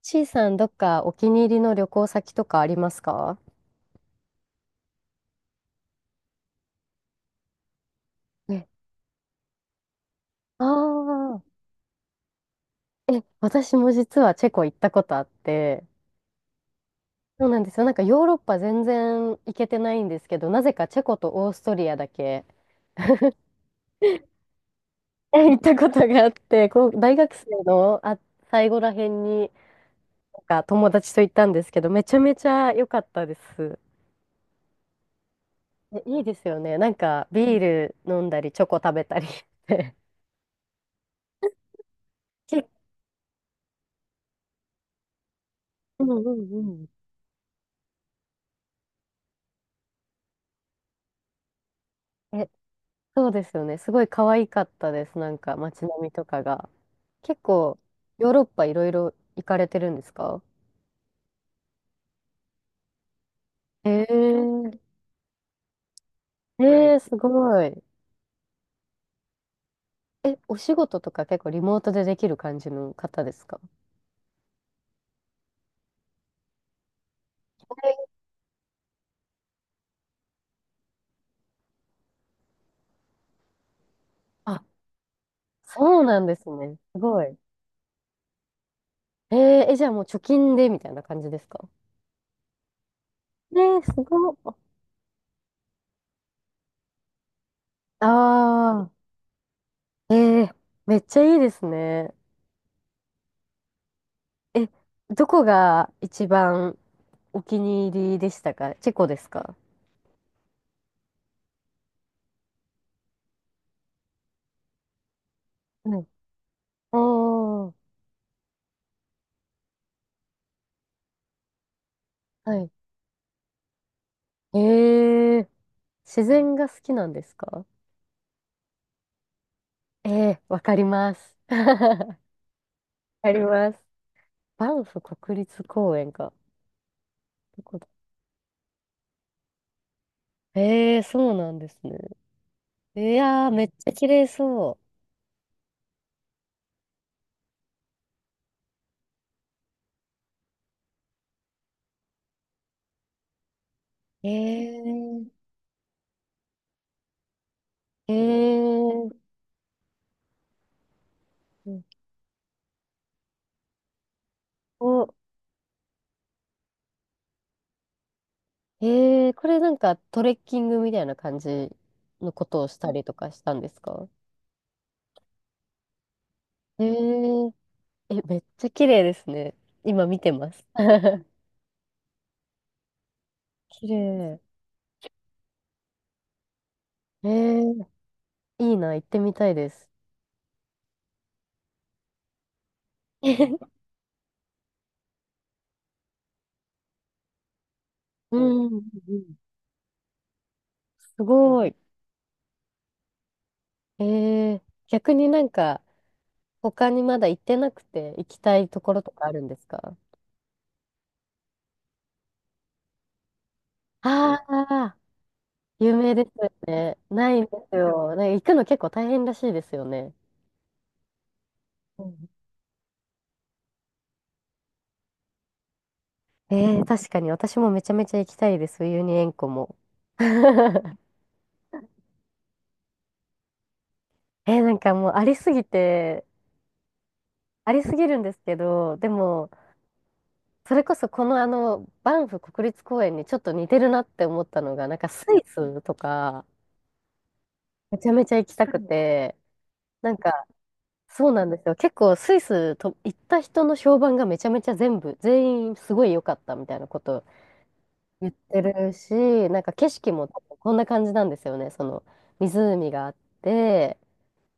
C さん、どっかお気に入りの旅行先とかありますか？え、あ、あ、え、私も実はチェコ行ったことあって、そうなんですよ。なんかヨーロッパ全然行けてないんですけど、なぜかチェコとオーストリアだけ、行ったことがあって、こう、大学生の最後らへんに、なんか友達と行ったんですけど、めちゃめちゃ良かったです。え、いいですよね。なんかビール飲んだり、チョコ食べたりして。け、うんうん、うん。え、そうですよね。すごい可愛かったです。なんか街並みとかが。結構、ヨーロッパいろいろ行かれてるんですか？へえー、えー、すごい。え、お仕事とか結構リモートでできる感じの方ですか？あ、そうなんですね。すごい。えー、え、じゃあもう貯金でみたいな感じですか？えー、すごい。あ、あえー、めっちゃいいですね。え、どこが一番お気に入りでしたか？チェコですか？はい、ああ、はい。ええ、自然が好きなんですか？ええ、わかります。わかります。バンフ国立公園か。どこだ？ええ、そうなんですね。いやー、めっちゃ綺麗そう。ええ、ええ、うん、お、ええ、これなんかトレッキングみたいな感じのことをしたりとかしたんですか？ええ、え、めっちゃ綺麗ですね。今見てます。綺麗。え、いいな、行ってみたいです。うんん、うん、うん、すごい。えー、逆になんか、他にまだ行ってなくて行きたいところとかあるんですか？あ、あー、有名ですよね。ないんですよ。ね、行くの結構大変らしいですよね。うん、えー、確かに私もめちゃめちゃ行きたいです。ウユニ塩湖も。えー、なんかもうありすぎて、ありすぎるんですけど、でも、それこそこのバンフ国立公園にちょっと似てるなって思ったのが、なんかスイスとか、めちゃめちゃ行きたくて、なんか、そうなんですよ。結構スイスと行った人の評判がめちゃめちゃ全部、全員すごい良かったみたいなこと言ってるし、なんか景色もこんな感じなんですよね。その湖があって、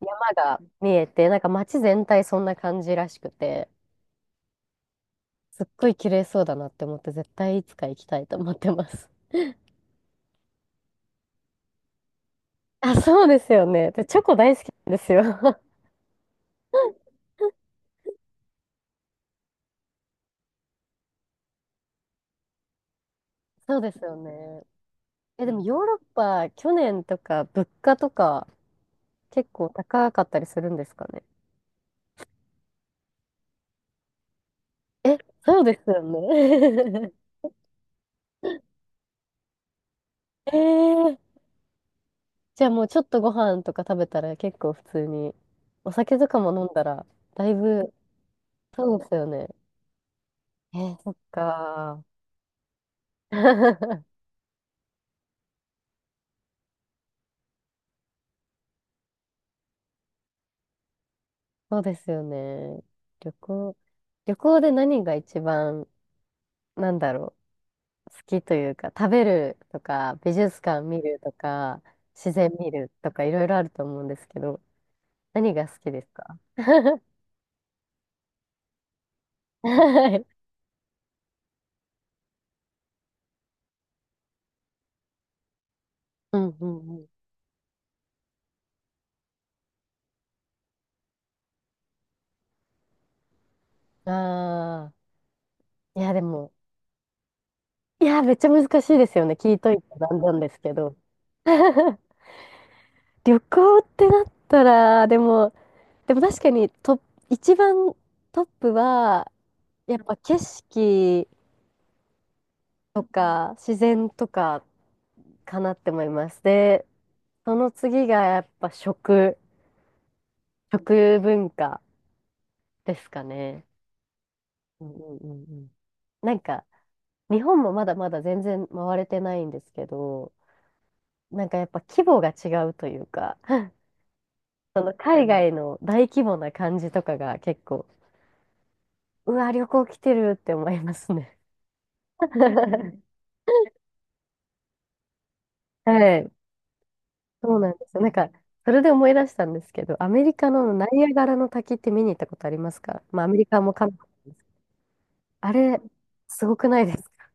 山が見えて、なんか街全体そんな感じらしくて、すっごい綺麗そうだなって思って、絶対いつか行きたいと思ってます。あ、そうですよね。で、チョコ大好きなんですよ。そうですよね。え、でもヨーロッパ、去年とか物価とか結構高かったりするんですかね。え、そうですよね。えー、じゃあもうちょっとご飯とか食べたら結構普通に、お酒とかも飲んだら、だいぶ、そうですよね。えー、そっかー。そうですよね。旅行、旅行で何が一番、なんだろう。好きというか、食べるとか、美術館見るとか、自然見るとか、いろいろあると思うんですけど、何が好きですか？ はい、うんうんうん。ああ、いや、でも、いや、めっちゃ難しいですよね。聞いといてなんなんですけど。旅行ってなったら、でも、でも確かにトップ、一番トップは、やっぱ景色とか自然とかかなって思います。で、その次がやっぱ食。食文化ですかね。うんうんうんうん。なんか、日本もまだまだ全然回れてないんですけど、なんかやっぱ規模が違うというか、その海外の大規模な感じとかが結構、うわ、旅行来てるって思いますね。はい。そうなんですよ。なんか、それで思い出したんですけど、アメリカのナイアガラの滝って見に行ったことありますか？まあ、アメリカもカナダもです。あれ、すごくないですか？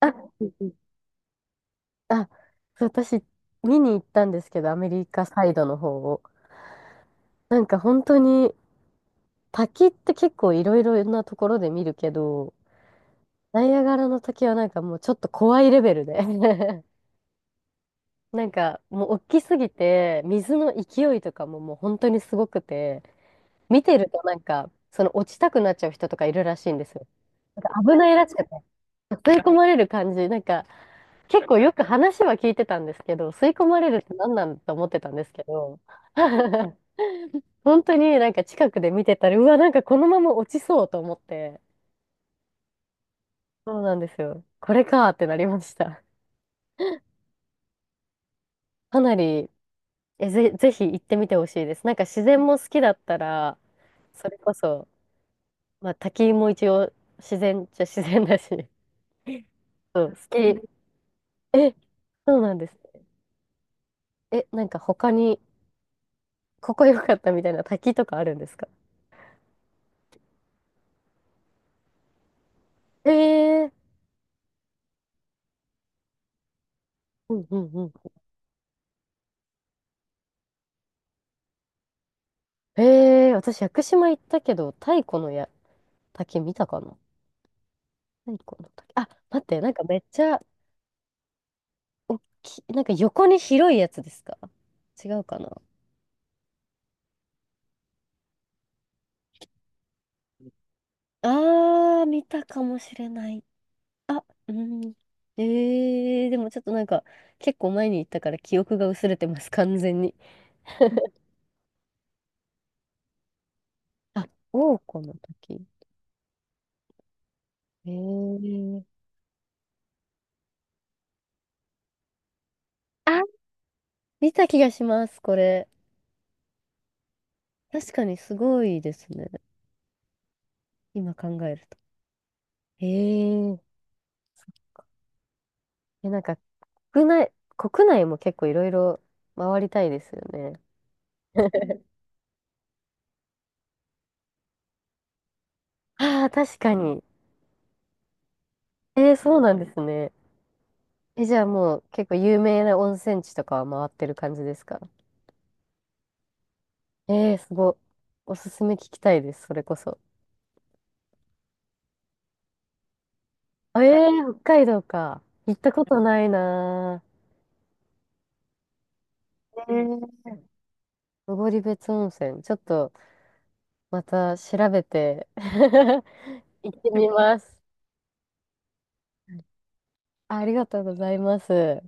あ、うん、 あ、そう、私、見に行ったんですけど、アメリカサイドの方を。なんか本当に、滝って結構いろいろなところで見るけど、ナイアガラの滝はなんかもうちょっと怖いレベルで、 なんかもう大きすぎて、水の勢いとかももう本当にすごくて、見てるとなんか、その落ちたくなっちゃう人とかいるらしいんですよ。なんか危ないらしくて、吸い込まれる感じ、なんか、結構よく話は聞いてたんですけど、吸い込まれるって何なんだと思ってたんですけど、本当になんか近くで見てたら、うわ、なんかこのまま落ちそうと思って、そうなんですよ。これかーってなりました。かなり、え、ぜ、ぜひ行ってみてほしいです。なんか自然も好きだったら、それこそ、まあ滝も一応自然っちゃ自然だし、そう、好き。え、そうなんです。え、なんか他に、ここ良かったみたいな滝とかあるんですか？えー。うんうんうん、ええ、私、屋久島行ったけど、太古の滝見たかな？太古の滝。あ、待って、なんかめっちゃ大きい、なんか横に広いやつですか？違うかな？あー、見たかもしれない。あ、うん。ええ、でもちょっとなんか、結構前に行ったから記憶が薄れてます、完全に。あ、王子の滝。ええ、あ、見た気がします、これ。確かにすごいですね。今考えると。えー、え、なんか、国内、国内も結構いろいろ回りたいですよね。ああ、確かに。えー、そうなんですね。え、じゃあもう結構有名な温泉地とかは回ってる感じですか？えー、すご。おすすめ聞きたいです、それこそ。えー、北海道か。行ったことないなぁ。えー、登別温泉。ちょっとまた調べて、 行ってみます。ありがとうございます。